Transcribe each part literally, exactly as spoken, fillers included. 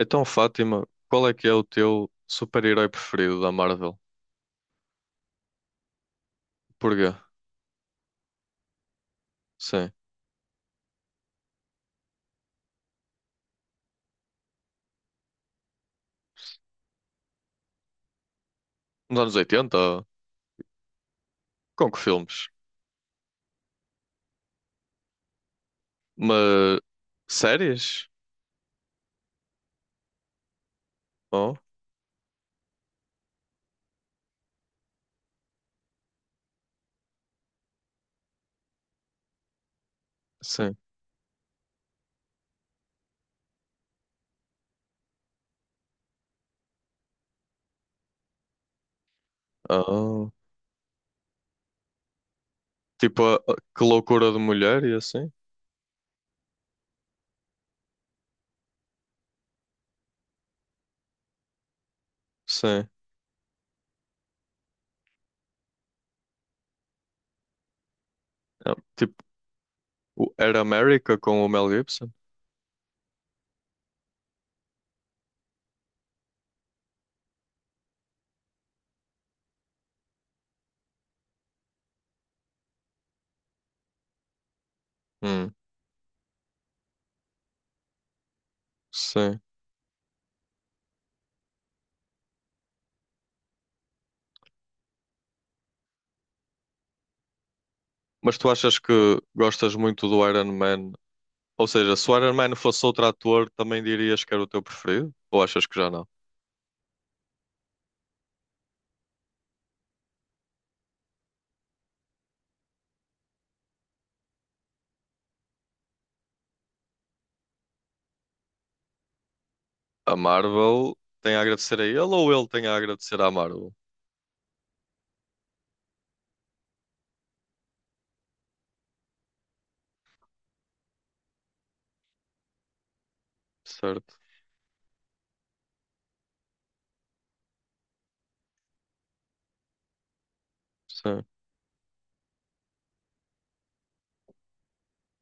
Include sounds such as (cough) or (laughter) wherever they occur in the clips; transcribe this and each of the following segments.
Então, Fátima, qual é que é o teu super-herói preferido da Marvel? Porquê? Sim. Nos anos oitenta? Com que filmes? Mas... Séries? Oh, sim. Oh. Tipo, a- a- Que Loucura de Mulher e assim? Sim. Ah, tipo, o Era América com o Mel Gibson? Hum, sim. Mas tu achas que gostas muito do Iron Man? Ou seja, se o Iron Man fosse outro ator, também dirias que era o teu preferido? Ou achas que já não? A Marvel tem a agradecer a ele ou ele tem a agradecer à Marvel? Certo, sim.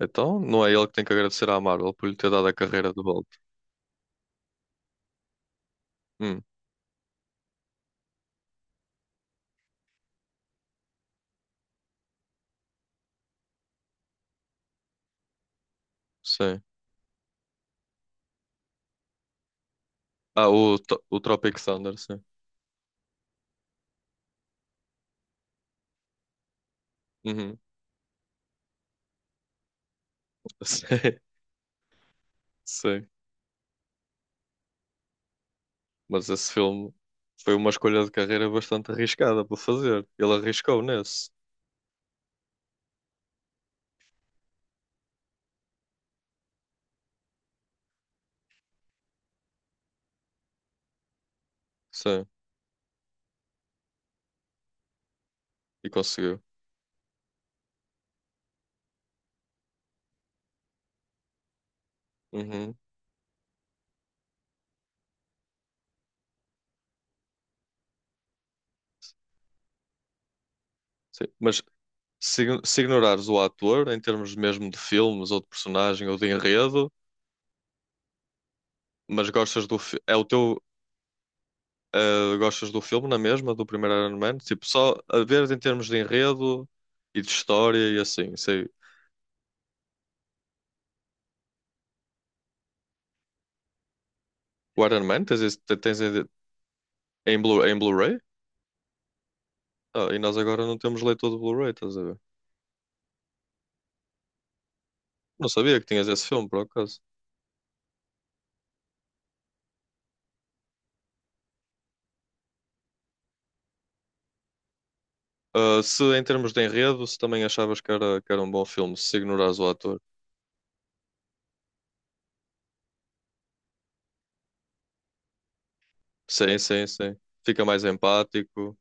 Então, não é ele que tem que agradecer à Marvel por lhe ter dado a carreira de volta. Hum, sim. Ah, o, To- o Tropic Thunder, sim. Uhum. (laughs) Sim, sim. Mas esse filme foi uma escolha de carreira bastante arriscada para fazer. Ele arriscou nesse. Sim, e conseguiu. Uhum. Sim. Mas se, se ignorares o ator, em termos mesmo de filmes ou de personagem ou de enredo, mas gostas do filme. É o teu. Uh, gostas do filme na mesma, do primeiro Iron Man? Tipo, só a ver em termos de enredo e de história e assim. Sei. O Iron Man tens, esse- te- tens em, em Blu, em Blu-ray? Ah, e nós agora não temos leitor de Blu-ray, estás a ver? Não sabia que tinhas esse filme, por acaso. Uh, se em termos de enredo, se também achavas que era, que era um bom filme, se ignorares o ator. Sim, sim, sim. Fica mais empático.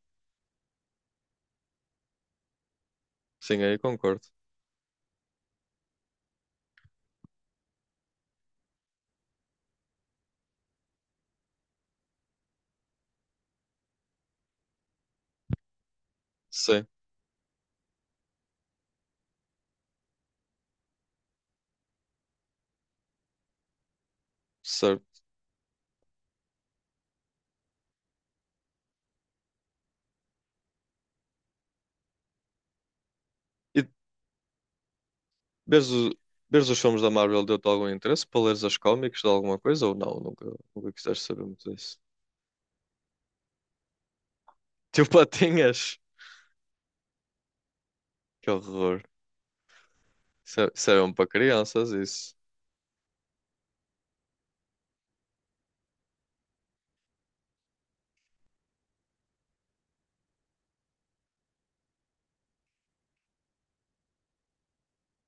Sim, aí concordo. Sim, certo. E vês, o- vês os filmes da Marvel deu-te algum interesse para leres as cómics de alguma coisa ou não? Nunca, nunca quiseste saber muito disso. (laughs) Tipo, patinhas! Que horror. Isso é, isso é mesmo para crianças, isso.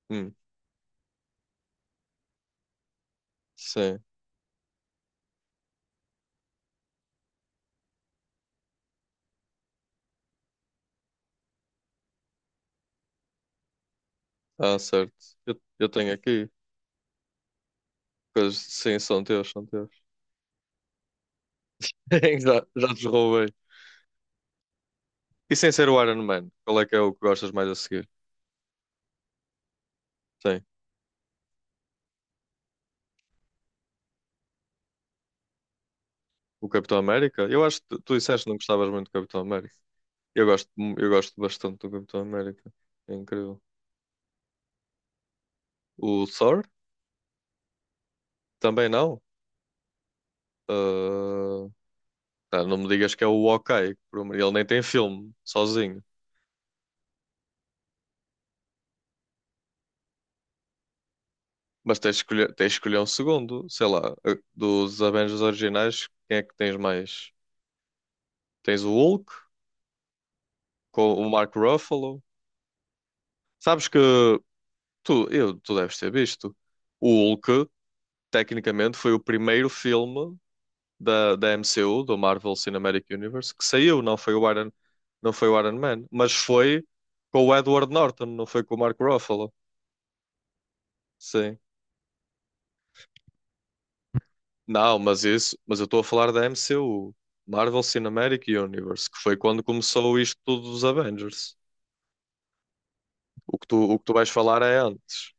Hum, sim. Ah, certo. Eu, eu tenho aqui. Coisas, sim, são teus, são teus. (laughs) Já, já te roubei. E sem ser o Iron Man, qual é que é o que gostas mais a seguir? Sim. O Capitão América? Eu acho que tu, tu disseste que não gostavas muito do Capitão América. Eu gosto, eu gosto bastante do Capitão América. É incrível. O Thor? Também não? Ah, tá, não me digas que é o Hawkeye, por amor- ele nem tem filme, sozinho. Mas tens de escolher, tens de escolher um segundo, sei lá, eh, dos Avengers originais, quem é que tens mais? Tens o Hulk, com o Mark Ruffalo. Sabes que tu, eu, tu deves ter visto. O Hulk, tecnicamente, foi o primeiro filme da, da M C U, do Marvel Cinematic Universe, que saiu, não foi o Iron, não foi o Iron Man, mas foi com o Edward Norton, não foi com o Mark Ruffalo. Sim. Não, mas isso, mas eu estou a falar da M C U, Marvel Cinematic Universe, que foi quando começou isto tudo dos Avengers. O que tu, o que tu vais falar é antes.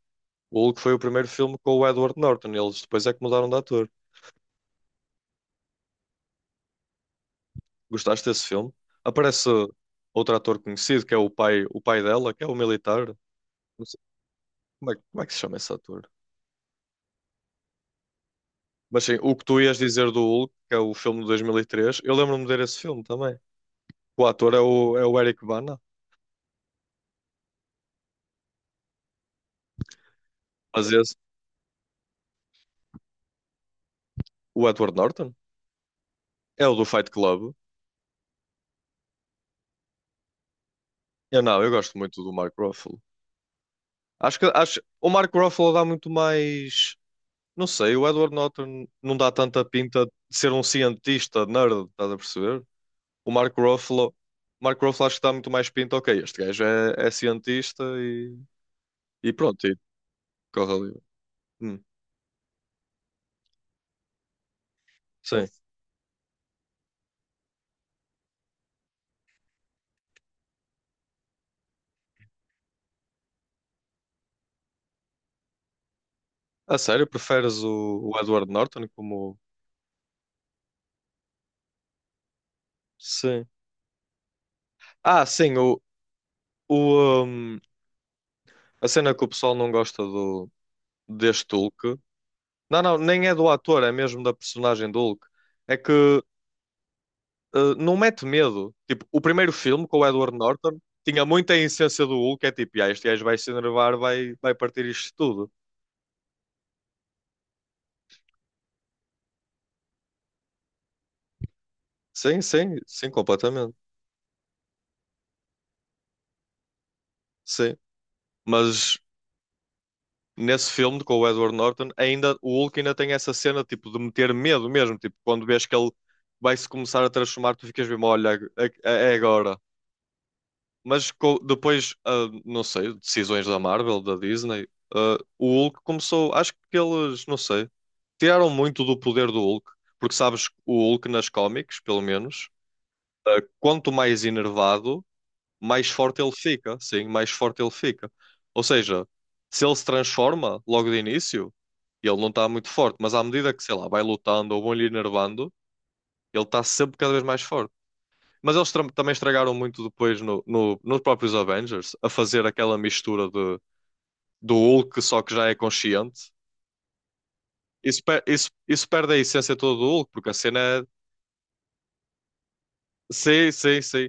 O Hulk foi o primeiro filme com o Edward Norton, e eles depois é que mudaram de ator. Gostaste desse filme? Aparece outro ator conhecido, que é o pai, o pai dela, que é o militar. Não sei, como é, que- como é que se chama esse ator? Mas sim, o que tu ias dizer do Hulk, que é o filme de dois mil e três, eu lembro-me de ver esse filme também. O ator é o, é o Eric Bana, mas esse, o Edward Norton, é o do Fight Club. Eu não, eu gosto muito do Mark Ruffalo. Acho que acho, o Mark Ruffalo dá muito mais. Não sei, o Edward Norton não dá tanta pinta de ser um cientista nerd, estás a perceber? O Mark Ruffalo, Mark Ruffalo acho que dá muito mais pinta. Ok, este gajo é, é cientista e, e pronto, e corre ali. Hum, sim. A sério, preferes o, o Edward Norton como. Sim. Ah, sim, o, o, hum, a cena que o pessoal não gosta do, deste Hulk. Não, não, nem é do ator, é mesmo da personagem do Hulk. É que eh, não mete medo. Tipo, o primeiro filme com o Edward Norton tinha muita essência do Hulk, é tipo, ah, este gajo vai se enervar, vai, vai partir isto tudo. Sim, sim, sim, completamente. Sim. Mas nesse filme com o Edward Norton, ainda o Hulk ainda tem essa cena tipo de meter medo mesmo, tipo, quando vês que ele vai se começar a transformar, tu ficas mesmo, olha, é, é agora. Mas co- depois, ah, não sei, decisões da Marvel, da Disney, ah, o Hulk começou. Acho que eles, não sei, tiraram muito do poder do Hulk. Porque sabes, o Hulk nas cómics, pelo menos, ah, quanto mais enervado, mais forte ele fica. Sim, mais forte ele fica. Ou seja, se ele se transforma logo de início, ele não está muito forte. Mas à medida que, sei lá, vai lutando ou vão-lhe enervando, ele está sempre cada vez mais forte. Mas eles tra- também estragaram muito depois no, no- nos próprios Avengers, a fazer aquela mistura de, do Hulk, só que já é consciente. Isso, per- isso- isso perde a essência toda do Hulk, porque a cena é. Sim, sim, sim.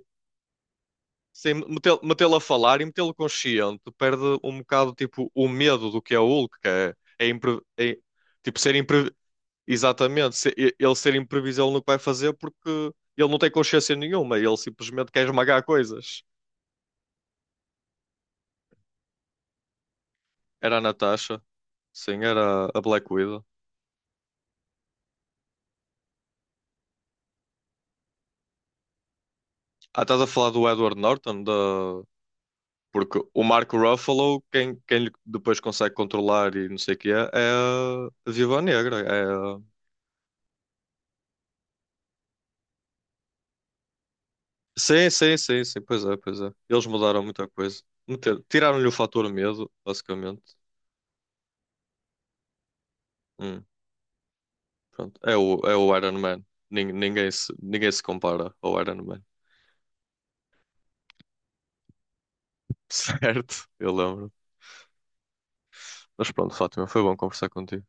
Sim, metê-lo metê-lo a falar e metê-lo consciente perde um bocado tipo o medo do que é o Hulk, que é, é impre- é, tipo ser impre, exatamente, se- e- ele ser imprevisível no que vai fazer porque ele não tem consciência nenhuma, ele simplesmente quer esmagar coisas. Era a Natasha, sim, era a Black Widow. Ah, estás a falar do Edward Norton? Da... Porque o Marco Ruffalo, quem, quem lhe depois consegue controlar e não sei o que é, é a Viúva Negra. É... a- Sim, sim, sim, sim, pois é, pois é. Eles mudaram muita coisa. Meter- Tiraram-lhe o fator medo, basicamente. Hum, pronto. É o, é o Iron Man. Nin- Ninguém se, ninguém se compara ao Iron Man. (laughs) Certo, eu lembro. Mas pronto, Fátima, foi bom conversar contigo.